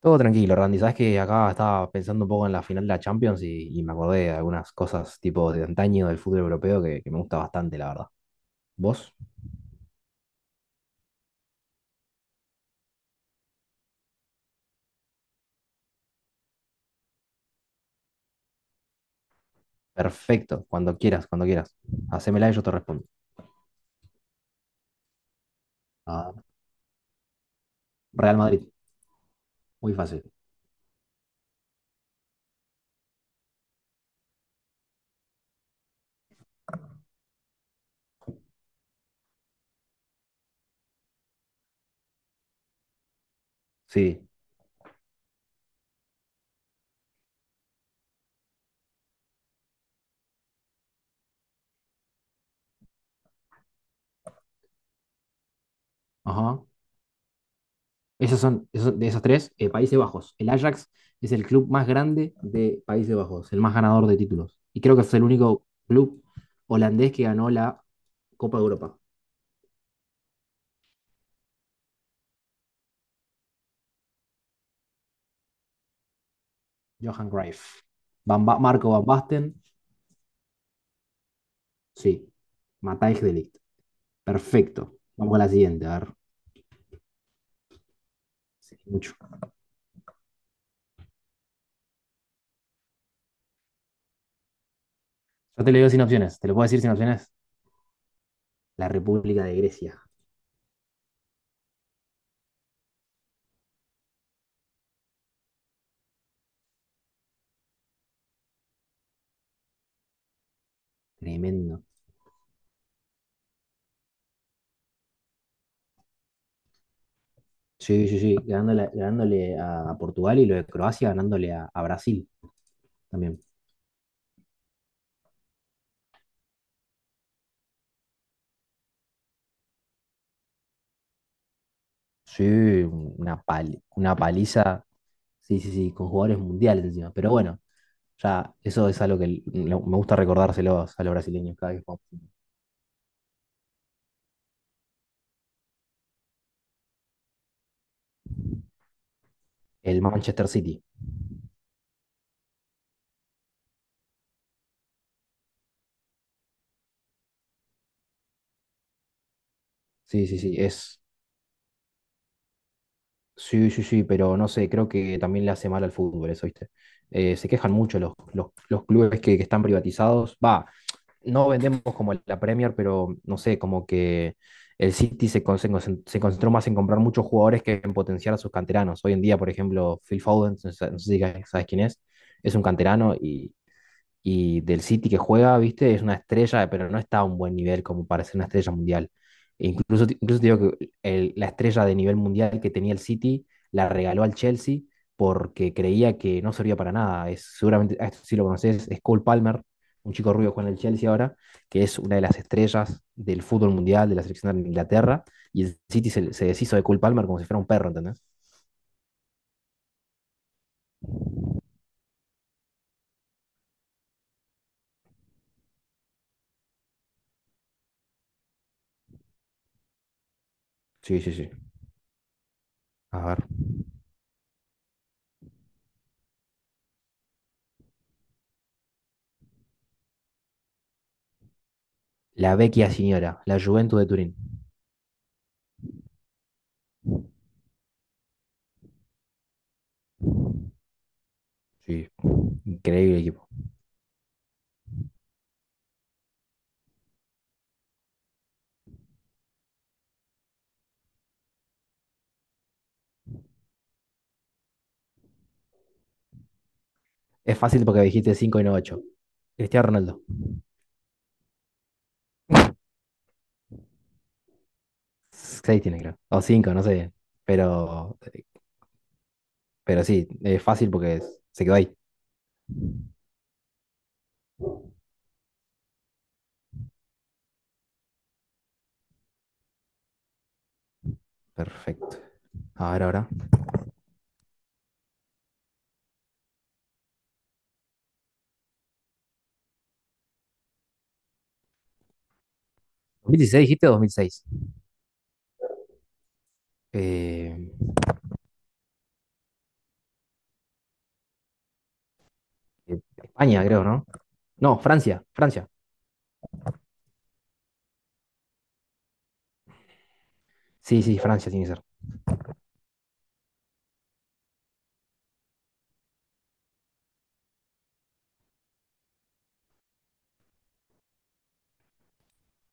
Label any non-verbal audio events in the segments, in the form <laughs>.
Todo tranquilo, Randy. Sabes que acá estaba pensando un poco en la final de la Champions y me acordé de algunas cosas tipo de antaño del fútbol europeo que me gusta bastante, la verdad. ¿Vos? Perfecto. Cuando quieras, cuando quieras. Hacémela y yo te respondo. Ah, Real Madrid. Muy fácil. Sí. Ajá. De esos tres, Países Bajos. El Ajax es el club más grande de Países Bajos, el más ganador de títulos. Y creo que es el único club holandés que ganó la Copa de Europa. Johan Greif. Marco Van Basten, sí. Matthijs de Ligt. Perfecto. Vamos a la siguiente, a ver. Sí, mucho. Yo te lo digo sin opciones. ¿Te lo puedo decir sin opciones? La República de Grecia. Tremendo. Sí, sí, sí. Ganándole, ganándole a Portugal y lo de Croacia ganándole a Brasil también. Sí, una una paliza. Sí, sí, sí, con jugadores mundiales encima. Pero bueno, ya eso es algo que me gusta recordárselos a los brasileños cada vez que jugamos. El Manchester City. Sí, sí, sí. Es. Sí, sí, sí, pero no sé, creo que también le hace mal al fútbol eso, ¿viste? Se quejan mucho los clubes que están privatizados. Va, no vendemos como la Premier, pero no sé, como que el City se concentró más en comprar muchos jugadores que en potenciar a sus canteranos. Hoy en día, por ejemplo, Phil Foden, no sé si sabes quién es un canterano y del City que juega, viste, es una estrella, pero no está a un buen nivel como para ser una estrella mundial. E incluso, incluso te digo que la estrella de nivel mundial que tenía el City la regaló al Chelsea porque creía que no servía para nada. Es, seguramente, a esto sí lo conoces, es Cole Palmer, un chico rubio que juega en el Chelsea ahora, que es una de las estrellas del fútbol mundial, de la selección de Inglaterra, y el City se deshizo de Cole Palmer como si fuera un perro, ¿entendés? Sí, sí, sí. A ver. La Vecchia Signora, la Juventus de Turín. Sí, increíble equipo. Es fácil porque dijiste 5 y no ocho. Cristiano Ronaldo. Seis tiene, creo. O cinco, no sé. Pero, pero sí, es fácil porque se quedó ahí. Perfecto. A ver, ahora. ¿2016 dijiste o 2006? Eh, España, creo, ¿no? No, Francia. Francia. Sí, sí, Francia tiene que ser.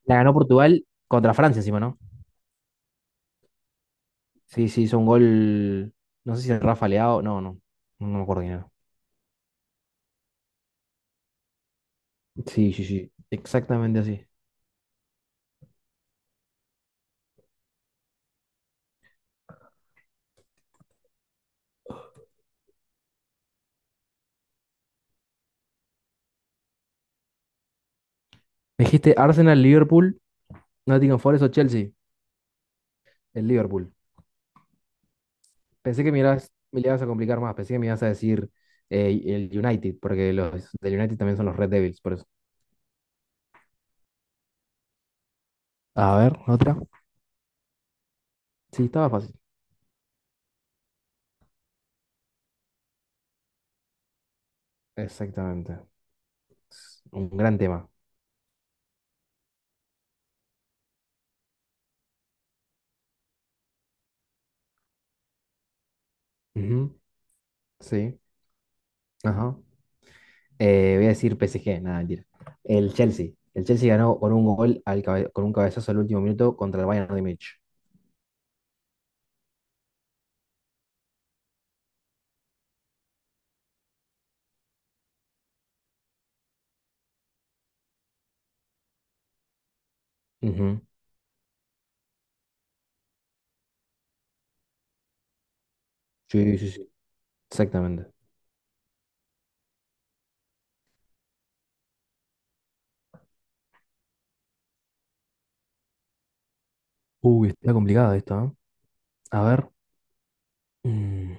La ganó Portugal contra Francia encima, ¿no? Sí, sí, hizo un gol. No sé si el Rafa Leao. No, no. No me acuerdo quién era. Sí, sí, sí. Exactamente así. Me dijiste Arsenal, Liverpool, Nottingham Forest o Chelsea. El Liverpool. Pensé que me ibas, Me le ibas a complicar más, pensé que me ibas a decir el United, porque los del United también son los Red Devils, por eso. A ver, otra. Sí, estaba fácil. Exactamente. Es un gran tema. Ujú. Sí. Ajá. Voy a decir PSG, nada, mentira. El Chelsea. El Chelsea ganó con un gol con un cabezazo al último minuto contra el Bayern de Múnich. Ujú. Sí, sí, sí. Exactamente. Uy, está complicada esta, ¿eh? A ver. Mm,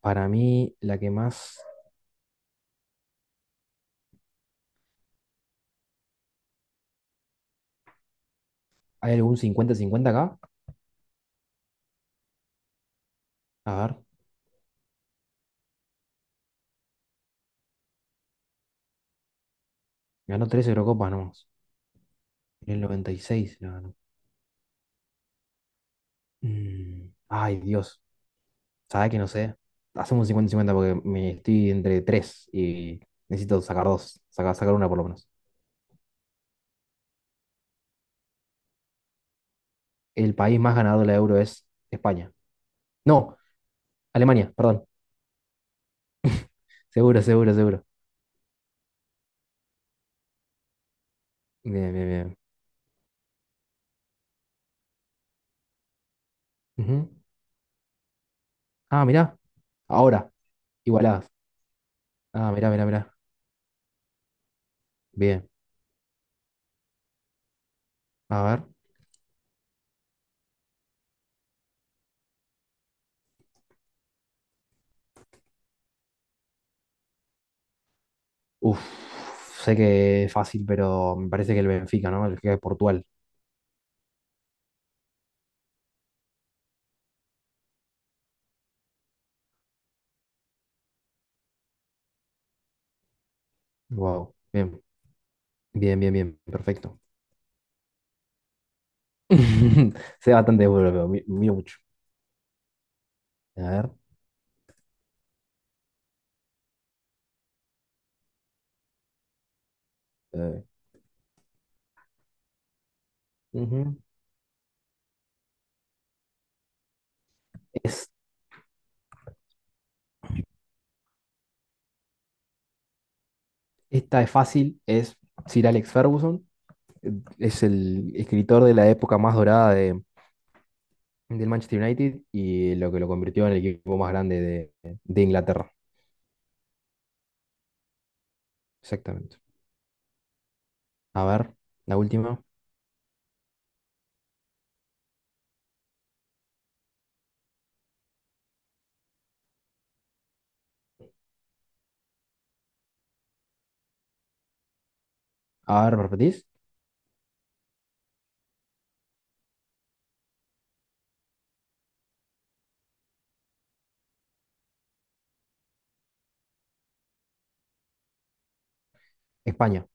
Para mí, la que más... ¿Hay algún cincuenta cincuenta acá? A ver, ganó tres Eurocopas nomás. En el 96 la ganó. Mm, Ay, Dios. ¿Sabes que no sé? Hacemos un cincuenta 50 porque me estoy entre tres y necesito sacar dos. Sacar una por lo menos. El país más ganador de la Euro es España. No, Alemania, perdón. Seguro, seguro, seguro. Bien, bien, bien. Ujú. Ah, mirá. Ahora, igualadas. Ah, mirá, mirá, mirá. Bien. A ver. Uf, sé que es fácil, pero me parece que el Benfica, ¿no? El Benfica de Portugal. Wow, bien. Bien, bien, bien, perfecto. <laughs> Sé bastante bueno, pero miro mucho. A ver. Eh, ujú. Es, esta es fácil, es Sir Alex Ferguson, es el escritor de la época más dorada de, del Manchester United y lo que lo convirtió en el equipo más grande de Inglaterra. Exactamente. A ver, la última. A ver, ¿me repetís? España.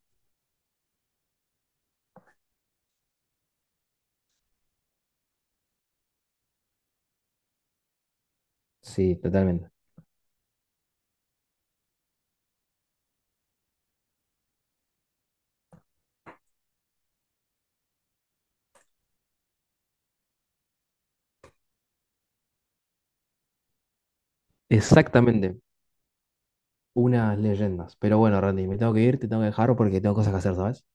Sí, totalmente. Exactamente. Unas leyendas. Pero bueno, Randy, me tengo que ir, te tengo que dejar porque tengo cosas que hacer, ¿sabes?